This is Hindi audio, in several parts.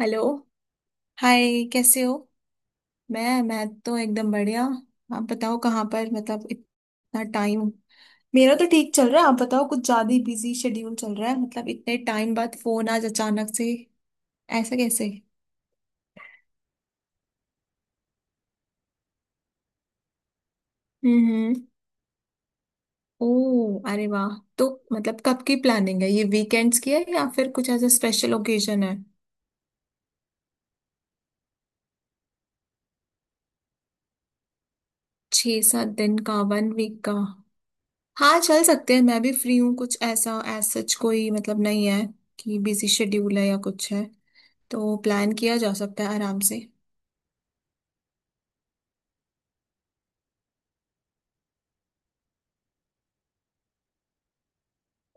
हेलो। हाय, कैसे हो? मैं तो एकदम बढ़िया। आप बताओ कहाँ पर, मतलब इतना टाइम। मेरा तो ठीक चल रहा है, आप बताओ। कुछ ज्यादा ही बिजी शेड्यूल चल रहा है, मतलब इतने टाइम बाद फोन आज अचानक से, ऐसा कैसे? हम्म। ओ, अरे वाह। तो मतलब कब की प्लानिंग है? ये वीकेंड्स की है या फिर कुछ ऐसा स्पेशल ओकेजन है? छः सात दिन का, वन वीक का? हाँ, चल सकते हैं, मैं भी फ्री हूँ। कुछ ऐसा एज सच कोई मतलब नहीं है कि बिजी शेड्यूल है या कुछ है, तो प्लान किया जा सकता है आराम से।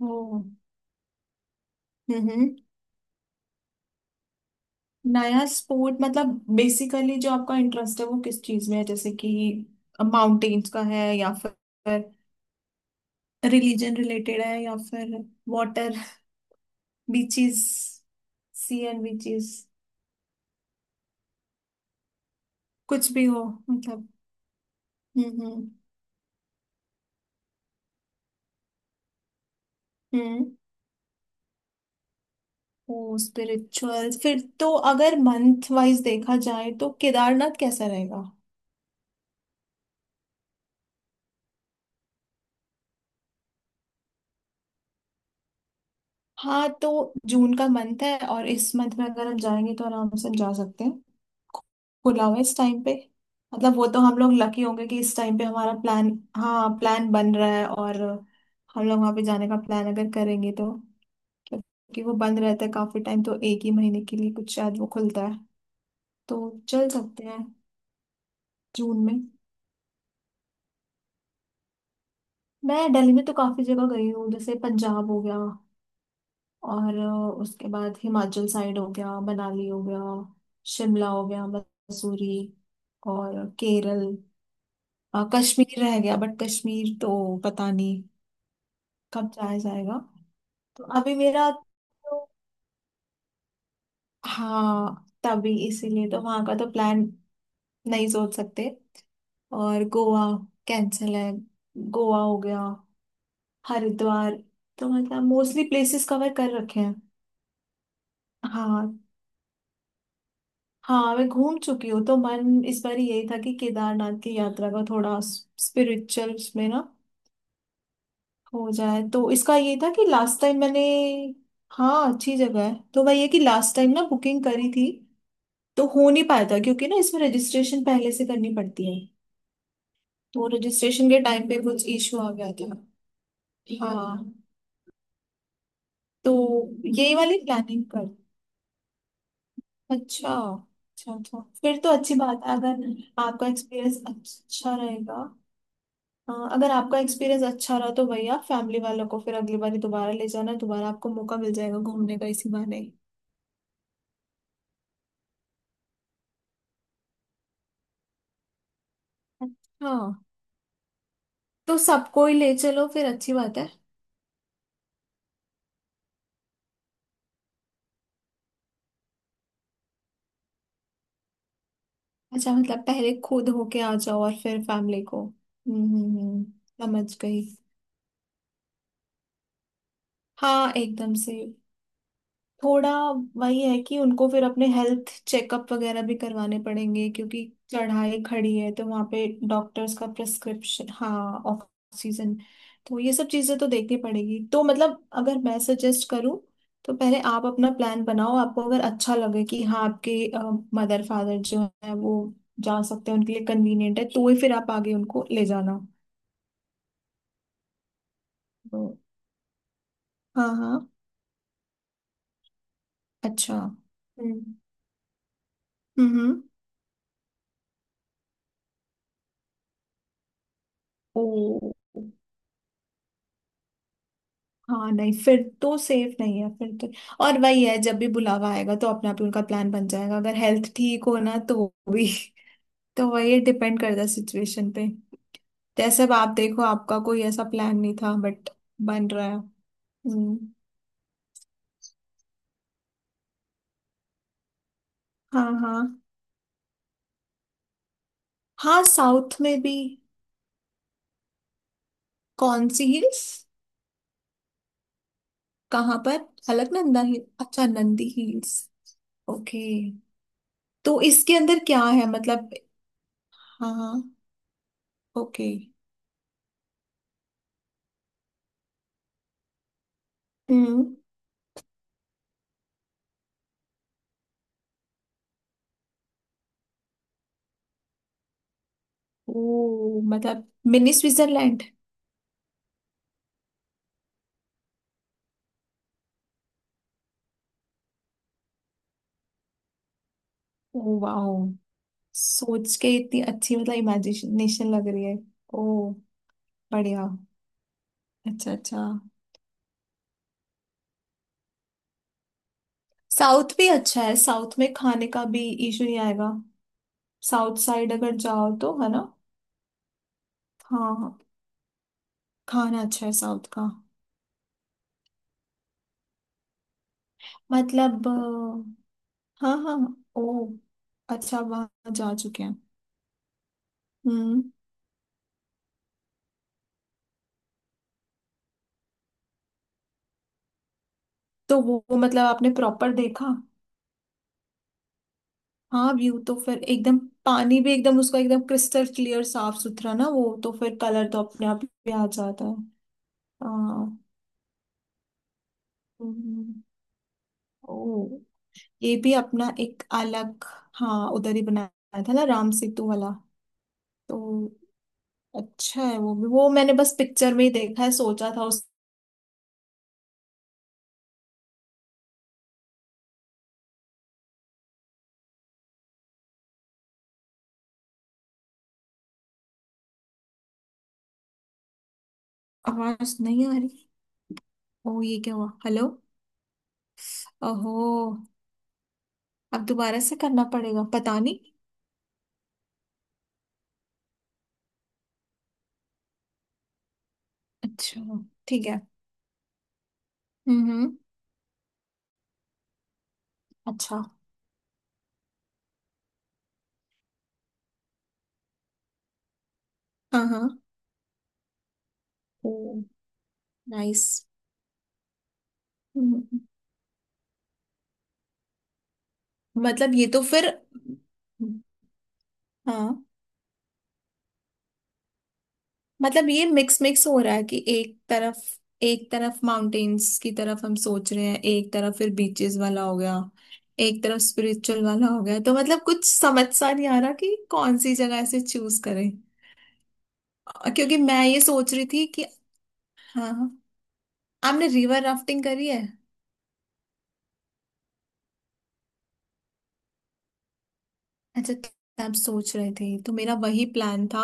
ओ, हम्म। नया स्पोर्ट मतलब? बेसिकली जो आपका इंटरेस्ट है वो किस चीज में है, जैसे कि माउंटेन्स का है या फिर रिलीजन रिलेटेड है या फिर water, beaches, sea and beaches, कुछ भी हो मतलब। हम्म हम्म हम्म। ओ स्पिरिचुअल, फिर तो अगर मंथ वाइज देखा जाए तो केदारनाथ कैसा रहेगा? हाँ तो जून का मंथ है और इस मंथ में अगर हम जाएंगे तो आराम से हम जा सकते हैं, खुला हुआ है इस टाइम पे। मतलब वो तो हम लोग लकी होंगे कि इस टाइम पे हमारा प्लान, हाँ, प्लान बन रहा है और हम लोग वहाँ पे जाने का प्लान अगर करेंगे तो, क्योंकि वो बंद रहता है काफी टाइम, तो एक ही महीने के लिए कुछ शायद वो खुलता है, तो चल सकते हैं। जून में? मैं दिल्ली में तो काफी जगह गई हूँ, जैसे पंजाब हो गया और उसके बाद हिमाचल साइड हो गया, मनाली हो गया, शिमला हो गया, मसूरी और केरल। कश्मीर रह गया, बट कश्मीर तो पता नहीं कब जाया जाएगा, तो अभी मेरा तो, हाँ तभी इसीलिए तो वहां का तो प्लान नहीं सोच सकते। और गोवा कैंसिल है, गोवा हो गया, हरिद्वार, तो मतलब मोस्टली प्लेसेस कवर कर रखे हैं। हाँ हाँ, मैं घूम चुकी हूँ तो मन इस बार यही था कि केदारनाथ की यात्रा का थोड़ा स्पिरिचुअल उसमें ना हो जाए, तो इसका ये था कि लास्ट टाइम मैंने, हाँ अच्छी जगह है, तो मैं ये कि लास्ट टाइम ना बुकिंग करी थी तो हो नहीं पाया था, क्योंकि ना इसमें रजिस्ट्रेशन पहले से करनी पड़ती है, तो रजिस्ट्रेशन के टाइम पे कुछ इशू आ गया था। हाँ, तो यही वाली प्लानिंग कर, अच्छा अच्छा, अच्छा फिर तो अच्छी बात है, अगर आपका एक्सपीरियंस अच्छा रहेगा। हाँ, अगर आपका एक्सपीरियंस अच्छा रहा तो भैया फैमिली वालों को फिर अगली बारी दोबारा ले जाना, दोबारा आपको मौका मिल जाएगा घूमने का इसी बहाने। हाँ, तो सबको ही ले चलो, फिर अच्छी बात है। अच्छा, मतलब पहले खुद होके आ जाओ और फिर फैमिली को। समझ गई। हाँ एकदम से, थोड़ा, वही है कि उनको फिर अपने हेल्थ चेकअप वगैरह भी करवाने पड़ेंगे, क्योंकि चढ़ाई खड़ी है, तो वहाँ पे डॉक्टर्स का प्रिस्क्रिप्शन, हाँ ऑक्सीजन, तो ये सब चीज़ें तो देखनी पड़ेगी। तो मतलब अगर मैं सजेस्ट करूँ तो पहले आप अपना प्लान बनाओ, आपको अगर अच्छा लगे कि हाँ आपके मदर फादर जो है वो जा सकते हैं, उनके लिए कन्वीनियंट है तो ही फिर आप आगे उनको ले जाना। तो हाँ हाँ, अच्छा, हम्म हम्म हम्म। ओ, हाँ नहीं, फिर तो सेफ नहीं है फिर तो। और वही है, जब भी बुलावा आएगा तो अपने आप ही उनका प्लान बन जाएगा, अगर हेल्थ ठीक हो ना, तो भी। तो वही डिपेंड करता है सिचुएशन पे। जैसे अब आप देखो, आपका कोई ऐसा प्लान नहीं था बट बन रहा है। हम्म। हाँ हाँ, हाँ साउथ में भी? कौन सी हिल्स? कहाँ पर? अलकनंदा हिल, अच्छा नंदी हिल्स। ओके, तो इसके अंदर क्या है मतलब? हाँ हाँ। ओके। हम्म। ओ मतलब मिनी स्विट्जरलैंड। ओ वाओ, सोच के इतनी अच्छी मतलब इमेजिनेशन लग रही है। ओ, बढ़िया। अच्छा अच्छा, साउथ भी अच्छा है, साउथ में खाने का भी इशू नहीं आएगा, साउथ साइड अगर जाओ तो, है ना? हाँ हाँ, खाना अच्छा है साउथ का। मतलब हाँ हाँ। ओ अच्छा, वहाँ जा चुके हैं। हम्म, तो वो मतलब आपने प्रॉपर देखा? हाँ व्यू तो फिर एकदम, पानी भी एकदम उसका एकदम क्रिस्टल क्लियर साफ सुथरा ना, वो तो फिर कलर तो अपने आप ही आ जाता है। हाँ। हम्म। ओ, ये भी अपना एक अलग, हाँ उधर ही बनाया था ना राम सेतु वाला, तो अच्छा है वो भी, वो मैंने बस पिक्चर में ही देखा है, सोचा था उस। आवाज नहीं आ रही। ओ, ये क्या हुआ, हेलो? ओहो, अब दोबारा से करना पड़ेगा पता नहीं। अच्छा, ठीक है। हम्म। अच्छा। हाँ हाँ। ओ, नाइस। हम्म, मतलब ये तो फिर, हाँ मतलब ये मिक्स मिक्स हो रहा है कि एक तरफ, एक तरफ माउंटेन्स की तरफ हम सोच रहे हैं, एक तरफ फिर बीचेस वाला हो गया, एक तरफ स्पिरिचुअल वाला हो गया, तो मतलब कुछ समझ सा नहीं आ रहा कि कौन सी जगह से चूज करें। क्योंकि मैं ये सोच रही थी कि, हाँ हाँ। आपने रिवर राफ्टिंग करी है? अच्छा, क्या आप सोच रहे थे? तो मेरा वही प्लान था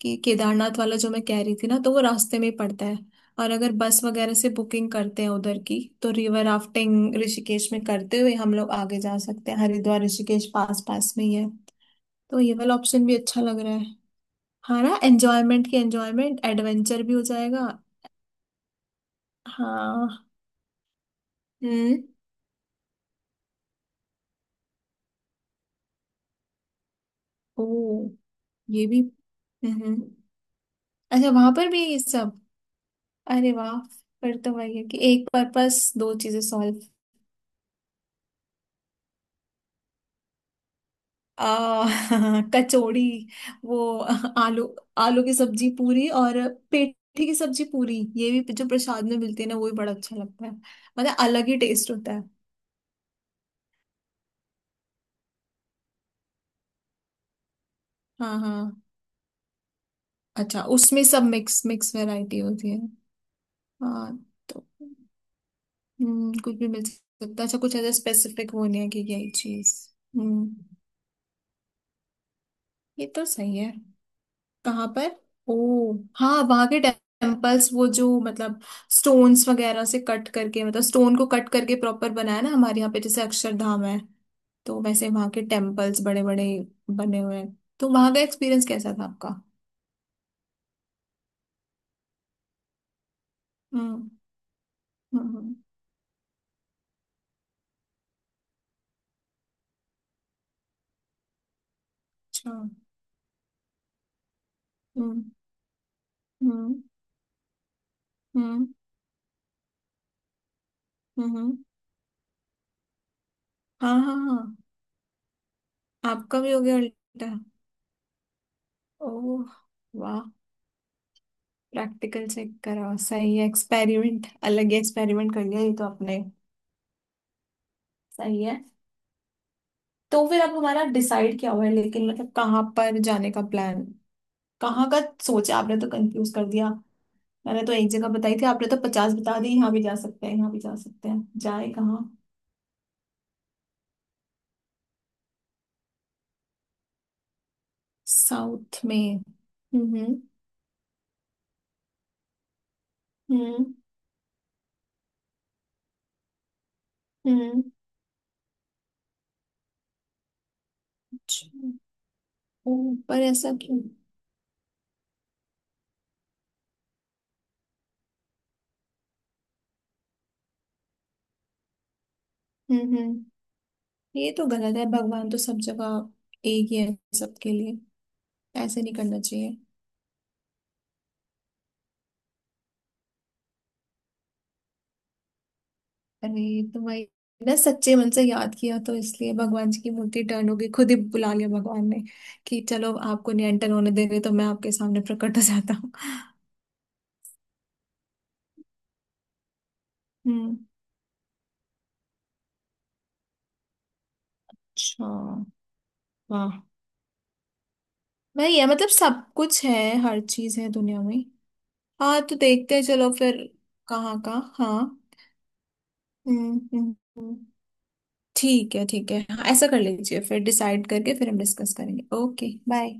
कि केदारनाथ वाला जो मैं कह रही थी ना, तो वो रास्ते में ही पड़ता है और अगर बस वगैरह से बुकिंग करते हैं उधर की, तो रिवर राफ्टिंग ऋषिकेश में करते हुए हम लोग आगे जा सकते हैं, हरिद्वार ऋषिकेश पास पास में ही है। तो ये वाला ऑप्शन भी अच्छा लग रहा है। हाँ ना, एंजॉयमेंट की एंजॉयमेंट, एडवेंचर भी हो जाएगा। हाँ, हम्म। ओ, ये भी। हम्म। अच्छा, वहां पर भी है ये सब? अरे वाह, फिर तो वही है कि एक पर्पस दो चीजें सॉल्व। आ, कचौड़ी, वो आलू, आलू की सब्जी पूरी और पेठी की सब्जी पूरी, ये भी जो प्रसाद में मिलती है ना, वो भी बड़ा अच्छा लगता है, मतलब अलग ही टेस्ट होता है। हाँ हाँ, अच्छा उसमें सब मिक्स मिक्स वैरायटी होती है। हाँ, तो कुछ भी मिल सकता है, अच्छा कुछ ऐसा स्पेसिफिक वो नहीं है कि यही चीज। हम्म, ये तो सही है। कहाँ पर? ओ, हाँ वहां के टेम्पल्स वो जो मतलब स्टोन्स वगैरह से कट करके, मतलब स्टोन को कट करके प्रॉपर बनाया ना, हमारे यहाँ पे जैसे अक्षरधाम है, तो वैसे वहां के टेम्पल्स बड़े बड़े बने हुए हैं, तो वहां का एक्सपीरियंस कैसा था आपका? हम्म हम्म हम्म, अच्छा। हम्म हम्म हम्म हम्म। हाँ हाँ हाँ, आपका भी हो गया उल्टा? ओह वाह, प्रैक्टिकल चेक करा, सही है एक्सपेरिमेंट। अलग ही एक्सपेरिमेंट कर लिया ये तो आपने। सही है। तो फिर अब हमारा डिसाइड क्या हुआ है लेकिन, मतलब कहाँ पर जाने का प्लान, कहाँ का सोचा आपने? तो कंफ्यूज कर दिया, मैंने तो एक जगह बताई थी, आपने तो पचास बता दी, यहाँ भी जा सकते हैं, यहाँ भी जा सकते हैं, जाए कहाँ? साउथ में? हम्म हम्म हम्म, अच्छा। ओ, पर ऐसा क्यों? हम्म हम्म। ये तो गलत है, भगवान तो सब जगह एक ही है सबके लिए, ऐसे नहीं करना चाहिए। अरे तो वही ना, सच्चे मन से याद किया तो इसलिए भगवान जी की मूर्ति टर्न हो गई, खुद ही बुला लिया भगवान ने कि चलो आपको निरंतर होने दे रहे तो मैं आपके सामने प्रकट हो जाता हूँ। हम्म, अच्छा, वाह, वही है मतलब सब कुछ है, हर चीज है दुनिया में। हाँ तो देखते हैं चलो फिर, कहाँ का? हाँ, हम्म हम्म हम्म। ठीक है ठीक है, हाँ ऐसा कर लीजिए, फिर डिसाइड करके फिर हम डिस्कस करेंगे। Okay, bye.